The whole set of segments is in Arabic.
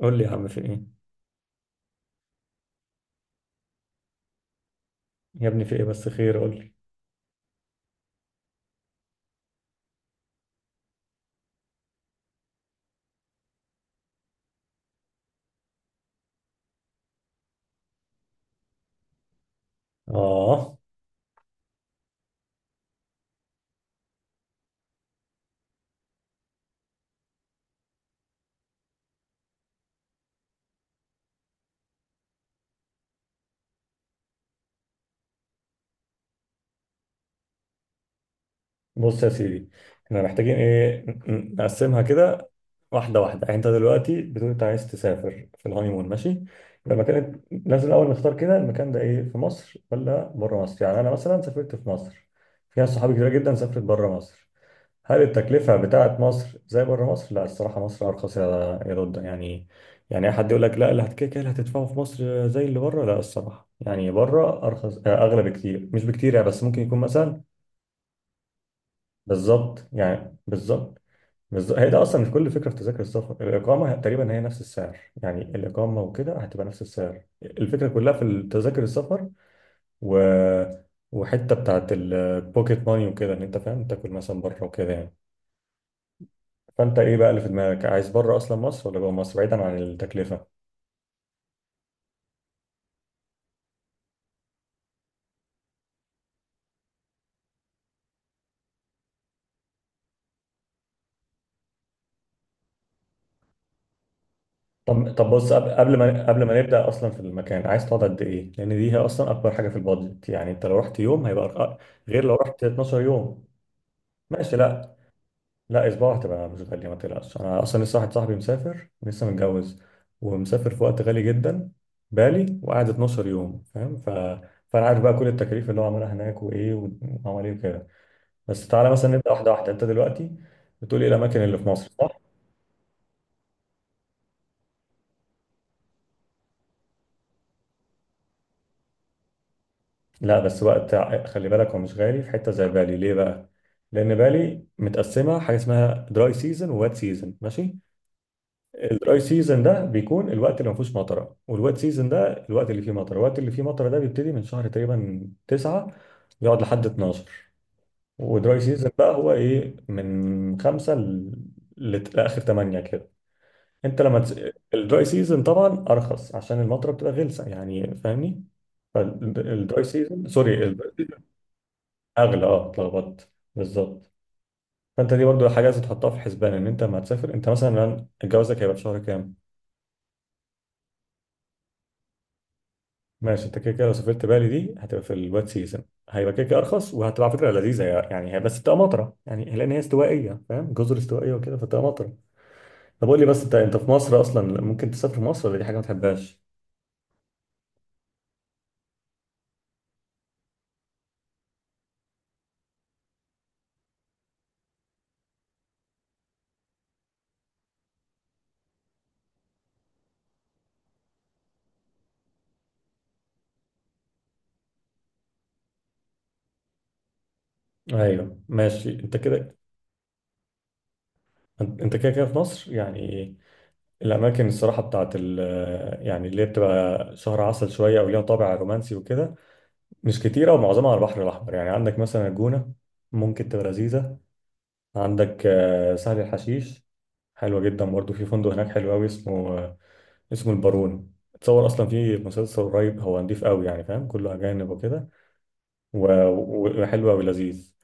قول لي يا عم في ايه. يا ابني في ايه بس خير قول لي. اه بص يا سيدي، احنا محتاجين ايه، نقسمها كده واحده واحده. يعني انت دلوقتي بتقول انت عايز تسافر في الهانيمون، ماشي، يبقى المكان لازم الاول نختار كده المكان ده ايه، في مصر ولا بره مصر؟ يعني انا مثلا سافرت في مصر، في ناس صحابي كتير جدا سافرت بره مصر. هل التكلفة بتاعت مصر زي بره مصر؟ لا الصراحة مصر أرخص، يا يا رد يعني. يعني أي حد يقول لك لا اللي هتكيك اللي هتدفعه في مصر زي اللي بره، لا الصراحة يعني بره أرخص أغلى بكتير، مش بكتير يعني، بس ممكن يكون مثلا. بالظبط يعني، بالظبط. بالظبط، هي ده أصلا مش كل فكرة في تذاكر السفر، الإقامة تقريبا هي نفس السعر، يعني الإقامة وكده هتبقى نفس السعر، الفكرة كلها في تذاكر السفر. و وحتة بتاعت البوكيت ماني وكده، إن أنت فاهم تاكل مثلا بره وكده يعني. فانت ايه بقى اللي في دماغك، عايز بره اصلا مصر ولا جوه مصر بعيدا عن التكلفه؟ طب طب بص، قبل ما نبدا اصلا في المكان، عايز تقعد قد ايه، لان دي هي اصلا اكبر حاجه في البادجت. يعني انت لو رحت يوم هيبقى غير لو رحت 12 يوم. ماشي. لا، لا اسبوع هتبقى مش غاليه، ما تقلقش، انا اصلا لسه واحد صاحبي مسافر لسه متجوز، ومسافر في وقت غالي جدا بالي وقعد 12 يوم، فاهم؟ فانا عارف بقى كل التكاليف اللي هو عملها هناك، وايه وعمل ايه وكده. بس تعالى مثلا نبدا واحده واحده، انت دلوقتي بتقول ايه الاماكن اللي في مصر. لا بس وقت خلي بالك هو مش غالي في حته زي بالي، ليه بقى؟ لان بالي متقسمه حاجه اسمها دراي سيزون ووات سيزون، ماشي. الدراي سيزون ده بيكون الوقت اللي ما فيهوش مطره، والوات سيزون ده الوقت اللي فيه مطره. الوقت اللي فيه مطره ده بيبتدي من شهر تقريبا 9 يقعد لحد 12، ودراي سيزون بقى هو ايه، من 5 لاخر 8 كده. انت لما تس... الدراي سيزون طبعا ارخص عشان المطره بتبقى غلسه، يعني فاهمني. فالدراي سيزون، سوري، اغلى، اه اتلخبطت، بالظبط. فانت دي برضو حاجه لازم تحطها في حسبان، ان انت لما هتسافر انت مثلا جوازك هيبقى في شهر كام. ماشي، انت كده كده لو سافرت بالي دي هتبقى في الواد سيزون، هيبقى كده كده ارخص، وهتبقى على فكره لذيذه يعني، هي بس بتبقى مطره يعني لان هي استوائيه، فاهم؟ جزر استوائيه وكده فبتبقى مطره. طب قول لي بس، انت انت في مصر اصلا ممكن تسافر مصر ولا دي حاجه ما تحبهاش؟ ايوه ماشي انت كده. انت كده كده في مصر يعني، الاماكن الصراحه بتاعت ال، يعني اللي هي بتبقى شهر عسل شويه او ليها طابع رومانسي وكده، مش كتيرة ومعظمها على البحر الأحمر. يعني عندك مثلا الجونة، ممكن تبقى لذيذة. عندك سهل الحشيش، حلوة جدا برضه. في فندق هناك حلو أوي اسمه اسمه البارون، اتصور أصلا في مسلسل قريب، هو نضيف أوي يعني فاهم، كله أجانب وكده وحلو أوي لذيذ.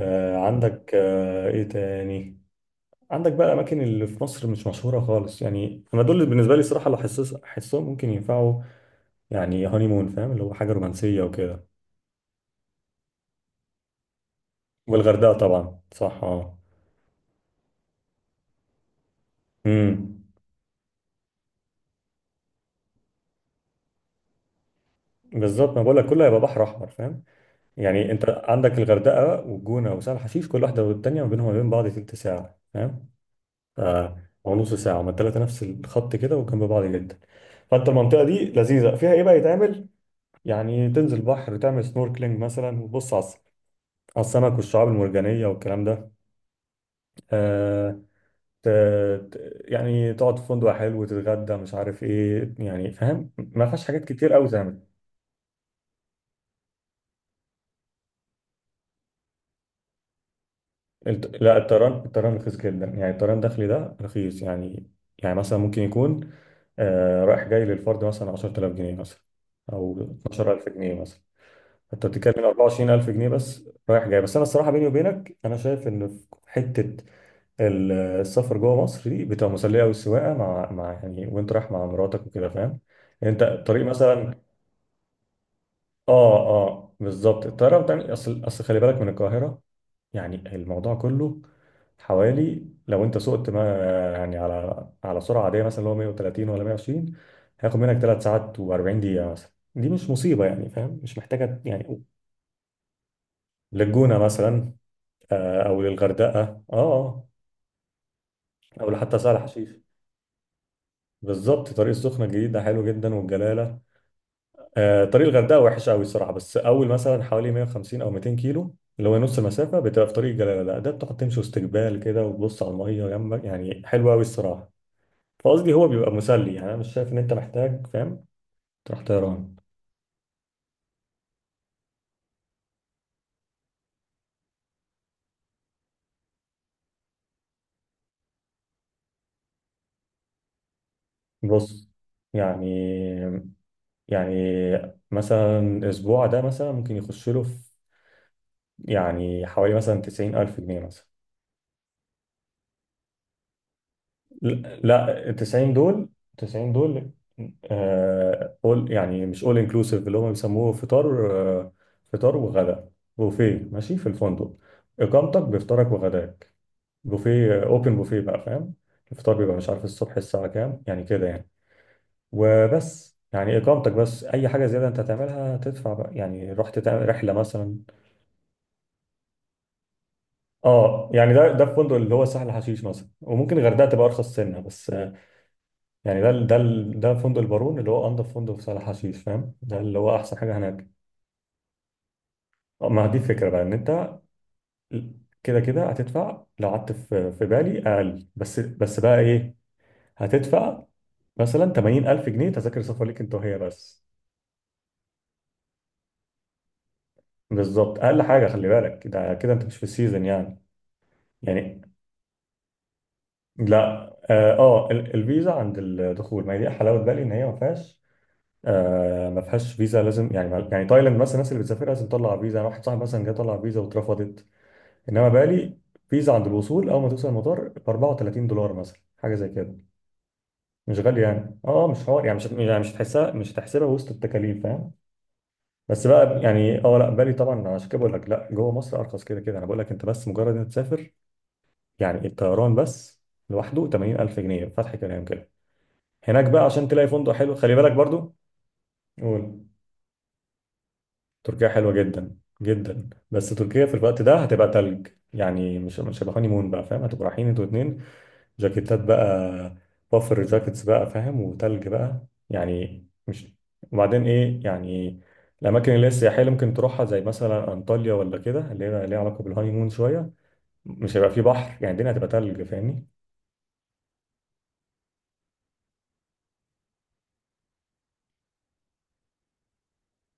عندك إيه تاني، عندك بقى أماكن اللي في مصر مش مشهورة خالص، يعني أنا دول اللي بالنسبة لي الصراحة لو حسهم ممكن ينفعوا يعني هانيمون، فاهم؟ اللي هو حاجة رومانسية وكده. والغردقة طبعا صح، اه. مم. بالظبط، ما بقول لك كله هيبقى بحر احمر، فاهم؟ يعني انت عندك الغردقه والجونه وسهل حشيش، كل واحده والتانيه ما بينهم وما بين بعض تلت ساعه، فاهم؟ ف- او نص ساعه، هما التلاته نفس الخط كده وجنب بعض جدا. فانت المنطقه دي لذيذه، فيها ايه بقى يتعمل؟ يعني تنزل بحر، تعمل سنوركلينج مثلا وتبص على على السمك والشعاب المرجانيه والكلام ده. آه. ت... يعني تقعد في فندق حلو وتتغدى مش عارف ايه، يعني فاهم ما فيهاش حاجات كتير قوي. لا الطيران، الطيران رخيص جدا، يعني الطيران الداخلي ده رخيص يعني. يعني مثلا ممكن يكون آه رايح جاي للفرد مثلا 10000 جنيه مثلا، او 12000 جنيه مثلا، انت بتتكلم 24000 جنيه بس رايح جاي. بس انا الصراحه بيني وبينك انا شايف ان في حته السفر جوه مصر دي بتبقى مسليه قوي، السواقه مع يعني وانت رايح مع مراتك وكده فاهم، انت الطريق مثلا. اه. اه بالظبط، الطياره بتعمل اصل خلي بالك من القاهره، يعني الموضوع كله حوالي لو انت سقت ما، يعني على سرعه عاديه مثلا اللي هو 130 ولا 120، هياخد منك 3 ساعات و40 دقيقه مثلا، دي مش مصيبه يعني فاهم، مش محتاجه يعني. للجونه مثلا، او للغردقه اه او لحتى سهل حشيش. بالظبط، طريق السخنه الجديد ده حلو جدا، والجلاله، طريق الغردقه وحش قوي الصراحه، بس اول مثلا حوالي 150 او 200 كيلو اللي هو نص المسافه بتبقى في طريق الجلاله، لا ده بتقعد تمشي واستقبال كده وتبص على الميه جنبك، يعني حلو قوي الصراحه. فقصدي هو بيبقى مسلي يعني، انا مش شايف ان انت محتاج فاهم تروح طيران. بص، يعني، يعني مثلا اسبوع ده مثلا ممكن يخش له في يعني حوالي مثلا 90 الف جنيه مثلا. لا، لا، 90 دول، 90 دول، آه يعني مش اول، انكلوسيف اللي هم بيسموه، فطار، آه، فطار وغداء، بوفيه، ماشي، في الفندق، اقامتك بفطارك وغداك، بوفيه، اوبن بوفيه بقى فاهم. الفطار بيبقى مش عارف الصبح الساعة كام يعني كده يعني، وبس يعني اقامتك بس، اي حاجه زياده انت هتعملها تدفع بقى، يعني رحت تعمل رحله مثلا. اه يعني ده ده الفندق اللي هو سهل حشيش مثلا، وممكن الغردقه تبقى ارخص سنه بس يعني ده فندق البارون اللي هو انضف فندق في سهل حشيش، فاهم؟ ده اللي هو احسن حاجه هناك. ما دي الفكره بقى، ان انت كده كده هتدفع، لو قعدت في بالي اقل، بس بقى ايه، هتدفع مثلا 80000 جنيه تذاكر سفر ليك انت وهي بس. بالظبط، اقل حاجه، خلي بالك، ده كده انت مش في السيزون يعني. يعني، لا، اه الفيزا عند الدخول، ما هي دي حلاوه بالي ان هي ما فيهاش. آه ما فيهاش فيزا لازم يعني يعني تايلاند مثلا الناس اللي بتسافر لازم تطلع فيزا، انا واحد صاحبي مثلا جه طلع فيزا واترفضت، انما بالي فيزا عند الوصول اول ما توصل المطار ب 34 دولار مثلا، حاجه زي كده، مش غالي يعني اه، مش حوار يعني، مش هتحسها، مش هتحسبها وسط التكاليف، فاهم؟ بس بقى يعني اه لا بالي طبعا، عشان كده بقول لك لا، جوه مصر ارخص كده كده، انا بقول لك انت بس مجرد انك تسافر يعني الطيران بس لوحده 80000 جنيه، فتح كلام كده، هناك بقى عشان تلاقي فندق حلو خلي بالك برضو. قول. تركيا حلوة جدا جدا، بس تركيا في الوقت ده هتبقى تلج، يعني مش هيبقى هاني مون بقى فاهم، هتبقوا رايحين انتوا اتنين جاكيتات بقى، بافر جاكيتس بقى فاهم، وتلج بقى يعني مش. وبعدين ايه يعني، الاماكن اللي هي السياحيه اللي ممكن تروحها زي مثلا انطاليا ولا كده، اللي هي ليها علاقه بالهاني مون شويه، مش هيبقى فيه بحر، يعني الدنيا هتبقى تلج، فاهمني؟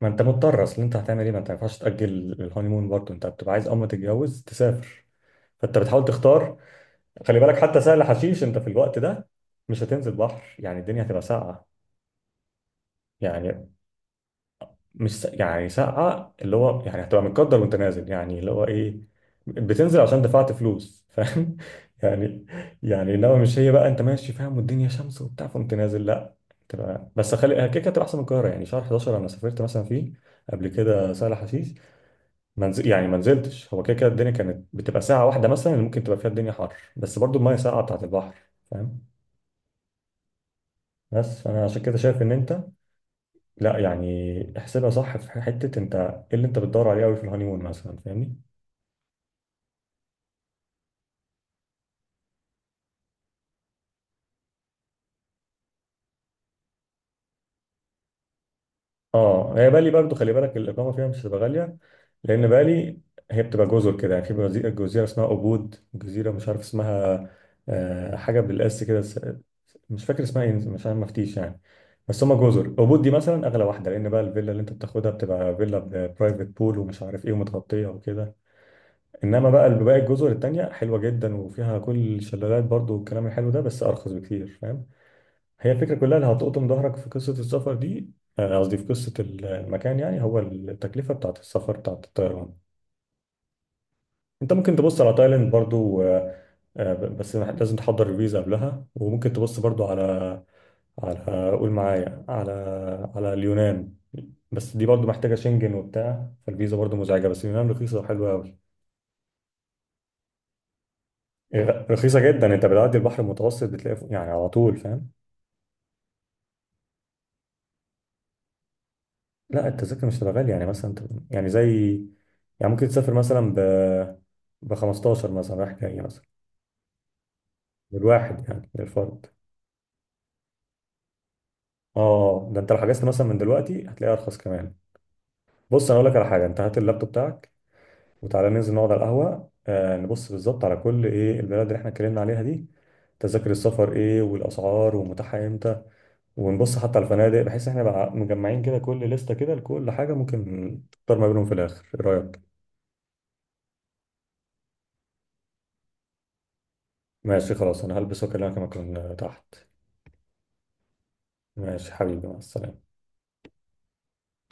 ما انت مضطر، اصل انت هتعمل ايه، ما انت ما ينفعش تاجل الهاني مون برضه، انت بتبقى عايز اول ما تتجوز تسافر، فانت بتحاول تختار. خلي بالك حتى سهل حشيش انت في الوقت ده مش هتنزل بحر، يعني الدنيا هتبقى ساقعه. يعني مش س- يعني ساقعه اللي هو يعني هتبقى متقدر وانت نازل، يعني اللي هو ايه، بتنزل عشان دفعت فلوس فاهم يعني. يعني انما مش هي بقى انت ماشي فاهم والدنيا شمس وبتاع فقمت نازل، لا. تبقى بس خلي كده كده هتبقى احسن من القاهره، يعني شهر 11 انا سافرت مثلا فيه قبل كده سهل حشيش، منزل يعني ما نزلتش، هو كده كده الدنيا كانت بتبقى ساعة واحدة مثلا اللي ممكن تبقى فيها الدنيا حر، بس برضو المية ساقعة بتاعت البحر، فاهم؟ بس فأنا عشان كده شايف إن أنت، لا يعني احسبها صح، في حتة أنت إيه اللي أنت بتدور عليه أوي في الهانيمون مثلا، فاهمني؟ اه هي بالي برضو خلي بالك، الاقامه فيها مش هتبقى غاليه، لان بالي هي بتبقى جزر كده، يعني في جزيرة اسمها أبود، جزيره مش عارف اسمها، حاجه بالاس كده مش فاكر اسمها ايه، مش عارف مفتيش يعني. بس هما جزر أبود دي مثلا اغلى واحده، لان بقى الفيلا اللي انت بتاخدها بتبقى فيلا برايفت بول ومش عارف ايه ومتغطيه وكده، انما بقى باقي الجزر التانيه حلوه جدا وفيها كل الشلالات برضو والكلام الحلو ده، بس ارخص بكتير، فاهم؟ هي الفكرة كلها اللي هتقطم ظهرك في قصة السفر دي، قصدي في قصة المكان، يعني هو التكلفة بتاعت السفر بتاعت الطيران. انت ممكن تبص على تايلاند برضو، بس لازم تحضر الفيزا قبلها، وممكن تبص برضو على، قول معايا، على، على اليونان، بس دي برضو محتاجة شنجن وبتاع، فالفيزا برضو مزعجة، بس اليونان رخيصة وحلوة قوي. رخيصة جدا، انت بتعدي البحر المتوسط بتلاقي يعني على طول فاهم. لا التذاكر مش تبقى غالية، يعني يعني زي، يعني ممكن تسافر مثلا ب ب 15 مثلا رايح جاي مثلا، للواحد يعني للفرد. اه ده انت لو حجزت مثلا من دلوقتي هتلاقيها ارخص كمان. بص انا اقول لك على حاجة، انت هات اللابتوب بتاعك وتعالى ننزل نقعد على القهوة، آه نبص بالظبط على كل ايه البلد اللي احنا اتكلمنا عليها دي، تذاكر السفر ايه، والاسعار ومتاحة امتى، ونبص حتى على الفنادق، بحيث احنا بقى مجمعين كده كل لستة كده لكل حاجة، ممكن تختار ما بينهم في الاخر، ايه رأيك؟ ماشي خلاص انا هلبس واكلمك لما اكون تحت. ماشي حبيبي، مع السلامة.